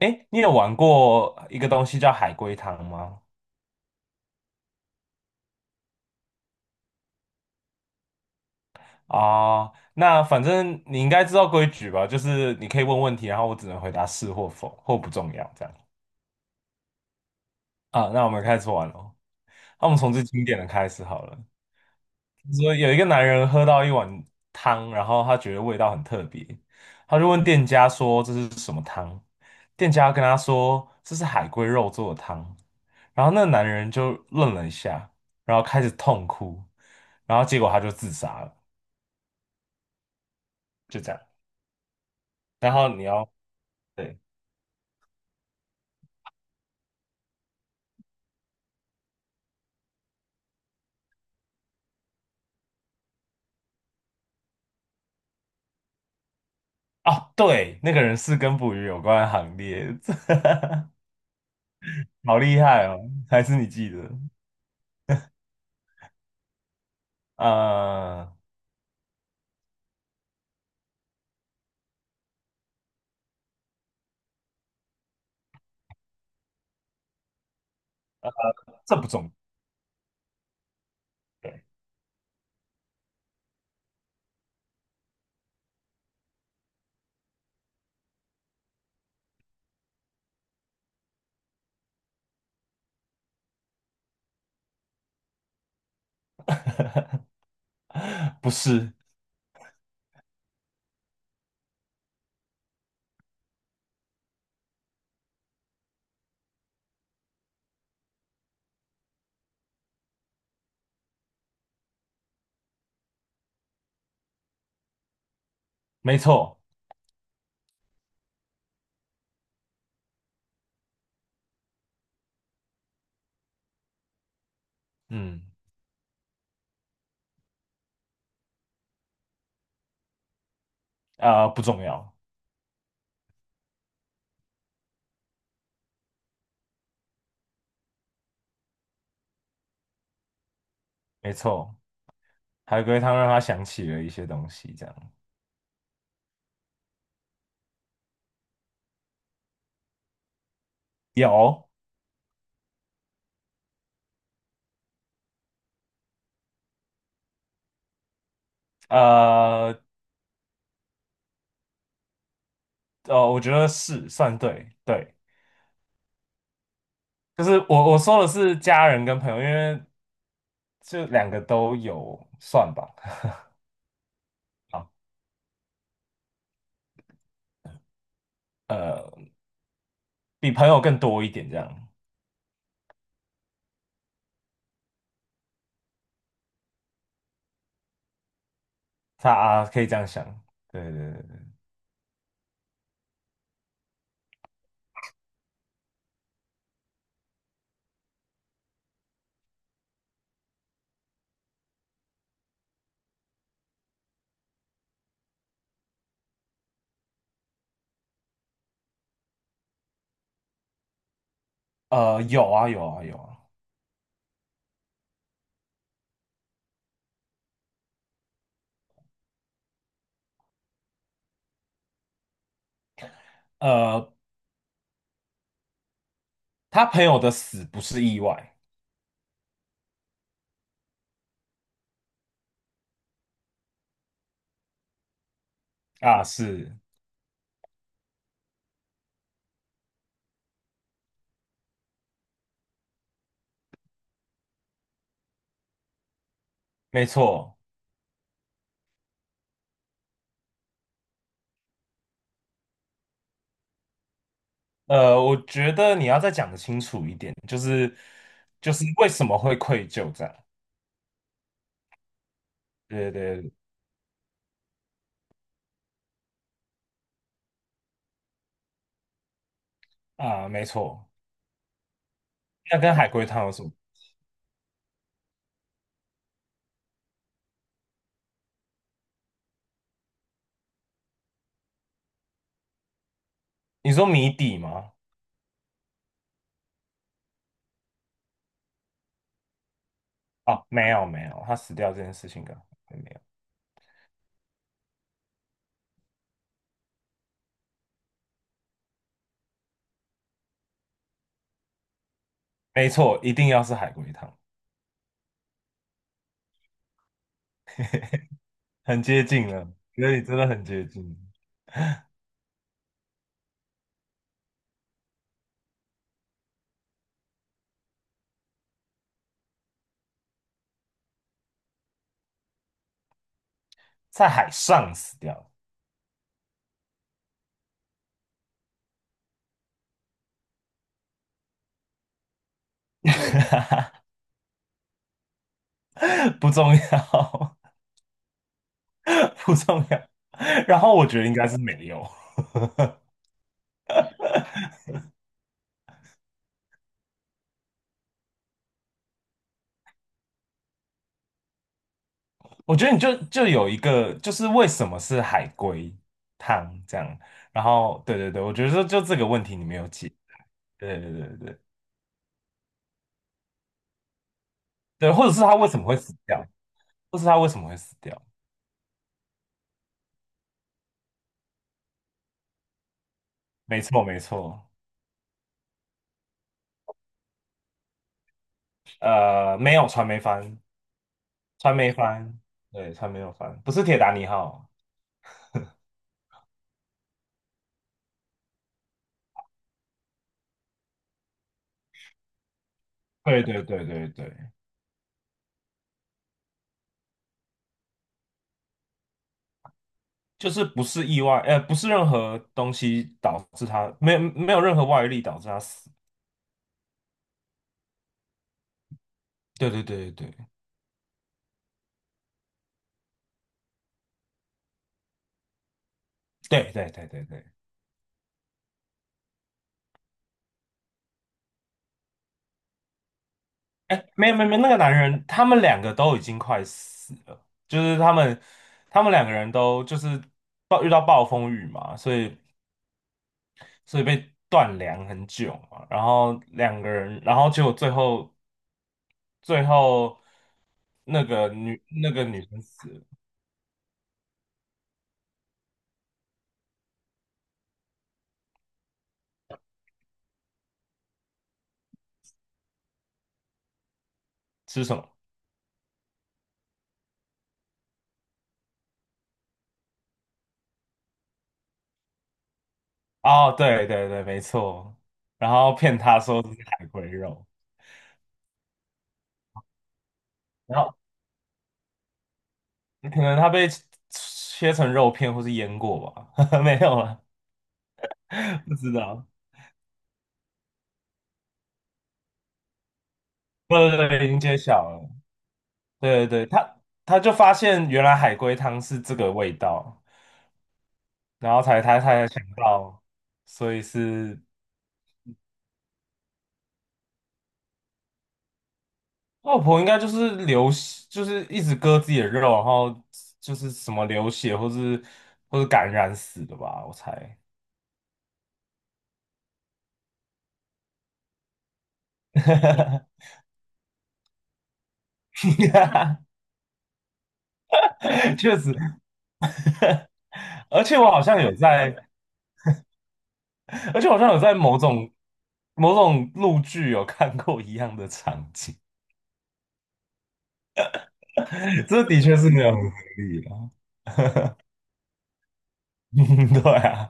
诶，你有玩过一个东西叫海龟汤吗？啊、那反正你应该知道规矩吧？就是你可以问问题，然后我只能回答是或否，或不重要这样。啊，那我们开始玩喽。那我们从最经典的开始好了。说有一个男人喝到一碗汤，然后他觉得味道很特别，他就问店家说这是什么汤，店家跟他说这是海龟肉做的汤，然后那个男人就愣了一下，然后开始痛哭，然后结果他就自杀了，就这样。然后你要对哦，对，那个人是跟捕鱼有关的行列，好厉害哦，还是你记得？呃，这不重要，对，不是，没错。嗯啊、不重要，没错，海龟汤让他想起了一些东西，这样有呃我觉得是算对对，就是我说的是家人跟朋友，因为这两个都有算吧，好呃，比朋友更多一点这样，他啊可以这样想，对对对对，有啊有啊有啊，呃，他朋友的死不是意外啊，是没错。我觉得你要再讲得清楚一点，就是为什么会愧疚这样？对对对啊，没错。那跟海龟汤有什么？你说谜底吗？哦，没有没有，他死掉这件事情跟海龟没有。没错，一定要是海龟汤，很接近了，觉得你真的很接近，在海上死掉，不重要，不重要。然后我觉得应该是没有。我觉得你就有一个，就是为什么是海龟汤这样，然后对对对，我觉得就这个问题你没有解，对对对对对，对或者是它为什么会死掉，或是它为什么会死掉，没错没错，没有传媒翻，传媒翻，对，船没有翻，不是铁达尼号，对对对对对，就是不是意外，不是任何东西导致它，没有没有任何外力导致它死，对对对对对对对对对对。哎，没有没有没有，那个男人，他们两个都已经快死了，就是他们两个人都就是遇到暴风雨嘛，所以被断粮很久嘛，然后两个人，然后结果最后那个女生死了，吃什么？哦，对对对，没错，然后骗他说这是海龟肉，然后可能他被切成肉片或是腌过吧，没有了，不知道，不不不，已经揭晓了。对对对，他就发现原来海龟汤是这个味道，然后才他才想到，所以是外婆应该就是流血，就是一直割自己的肉，然后就是什么流血或是感染死的吧，我猜。确实，而且我好像有在，而且我好像有在某种陆剧有看过一样的场景，这的确是没有很合理 嗯，对啊，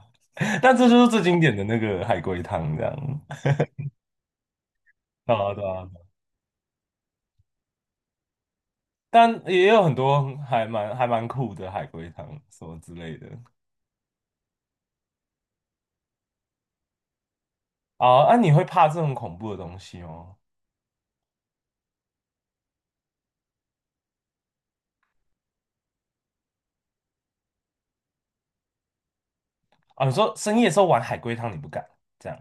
但这就是最经典的那个海龟汤这样，对啊对啊，但也有很多还蛮酷的海龟汤什么之类的哦啊，那你会怕这种恐怖的东西哦？啊，你说深夜的时候玩海龟汤你不敢这样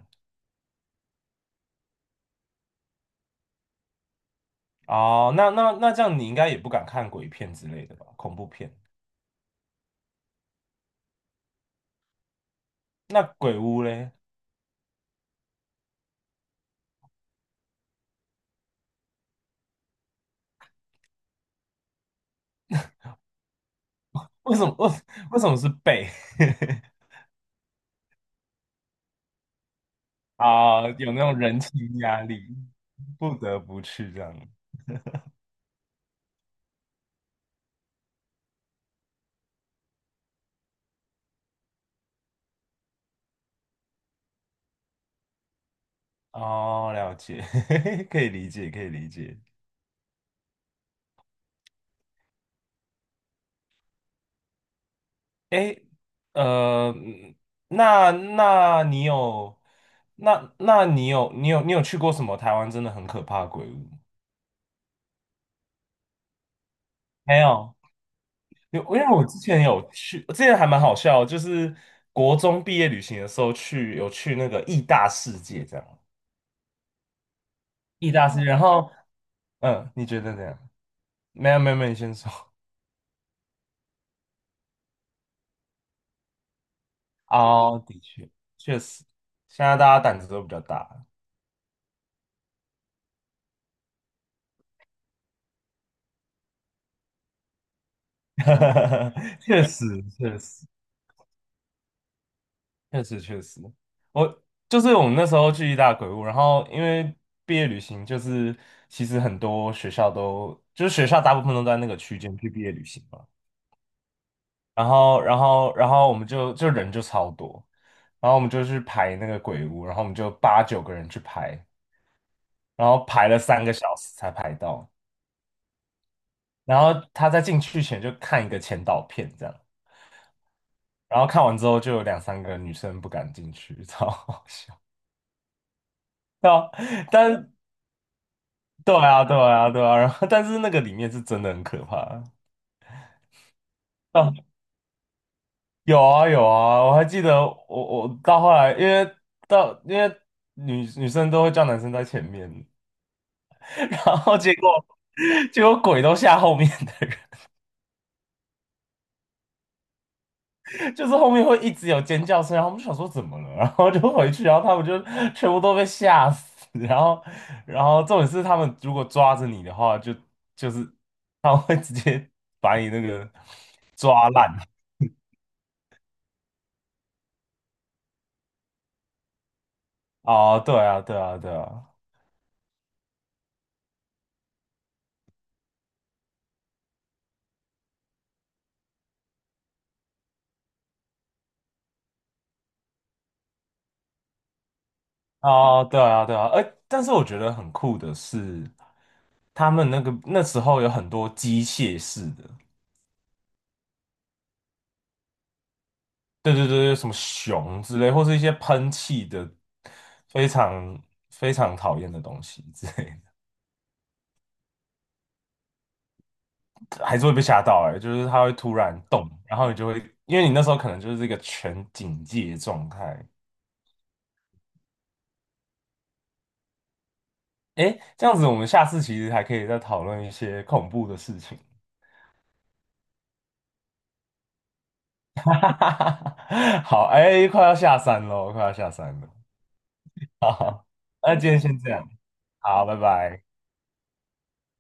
哦？那这样你应该也不敢看鬼片之类的吧？恐怖片？那鬼屋嘞？为什么为为什么是背 啊？有那种人情压力，不得不去这样。哦，了解，可以理解，可以理解。哎，呃，嗯那那你有，那那你有，你有，你有去过什么台湾真的很可怕的鬼屋？没有，因为我之前有去，之前还蛮好笑的就是国中毕业旅行的时候去，有去那个义大世界这样，义大世界，然后你觉得怎样？没有没有没有，你先说。哦，的确，确实，现在大家胆子都比较大。确实，确实，确实，确实，我就是我们那时候去意大鬼屋，然后因为毕业旅行，就是其实很多学校都，就是学校大部分都在那个区间去毕业旅行嘛，然后我们就人就超多，然后我们就去排那个鬼屋，然后我们就八九个人去排，然后排了3个小时才排到，然后他在进去前就看一个前导片这样，然后看完之后就有两三个女生不敢进去，超好笑。啊，但对啊，对啊，对啊，然后但是那个里面是真的很可怕啊，有啊有啊，我还记得我到后来，因为到因为女生都会叫男生在前面，然后结果鬼都吓后面的人，就是后面会一直有尖叫声，然后我们就想说怎么了，然后就回去，然后他们就全部都被吓死，然后重点是他们如果抓着你的话，就是他们会直接把你那个抓烂。哦，对啊，对啊，对啊，哦，对啊，对啊，哎，但是我觉得很酷的是，他们那个那时候有很多机械式的，对对对对，什么熊之类，或是一些喷气的，非常非常讨厌的东西之类的，还是会被吓到哎、就是它会突然动，然后你就会，因为你那时候可能就是一个全警戒状态，哎，这样子我们下次其实还可以再讨论一些恐怖的事情。好，哎，快要下山了，快要下山了。好，那今天先这样，好，拜拜。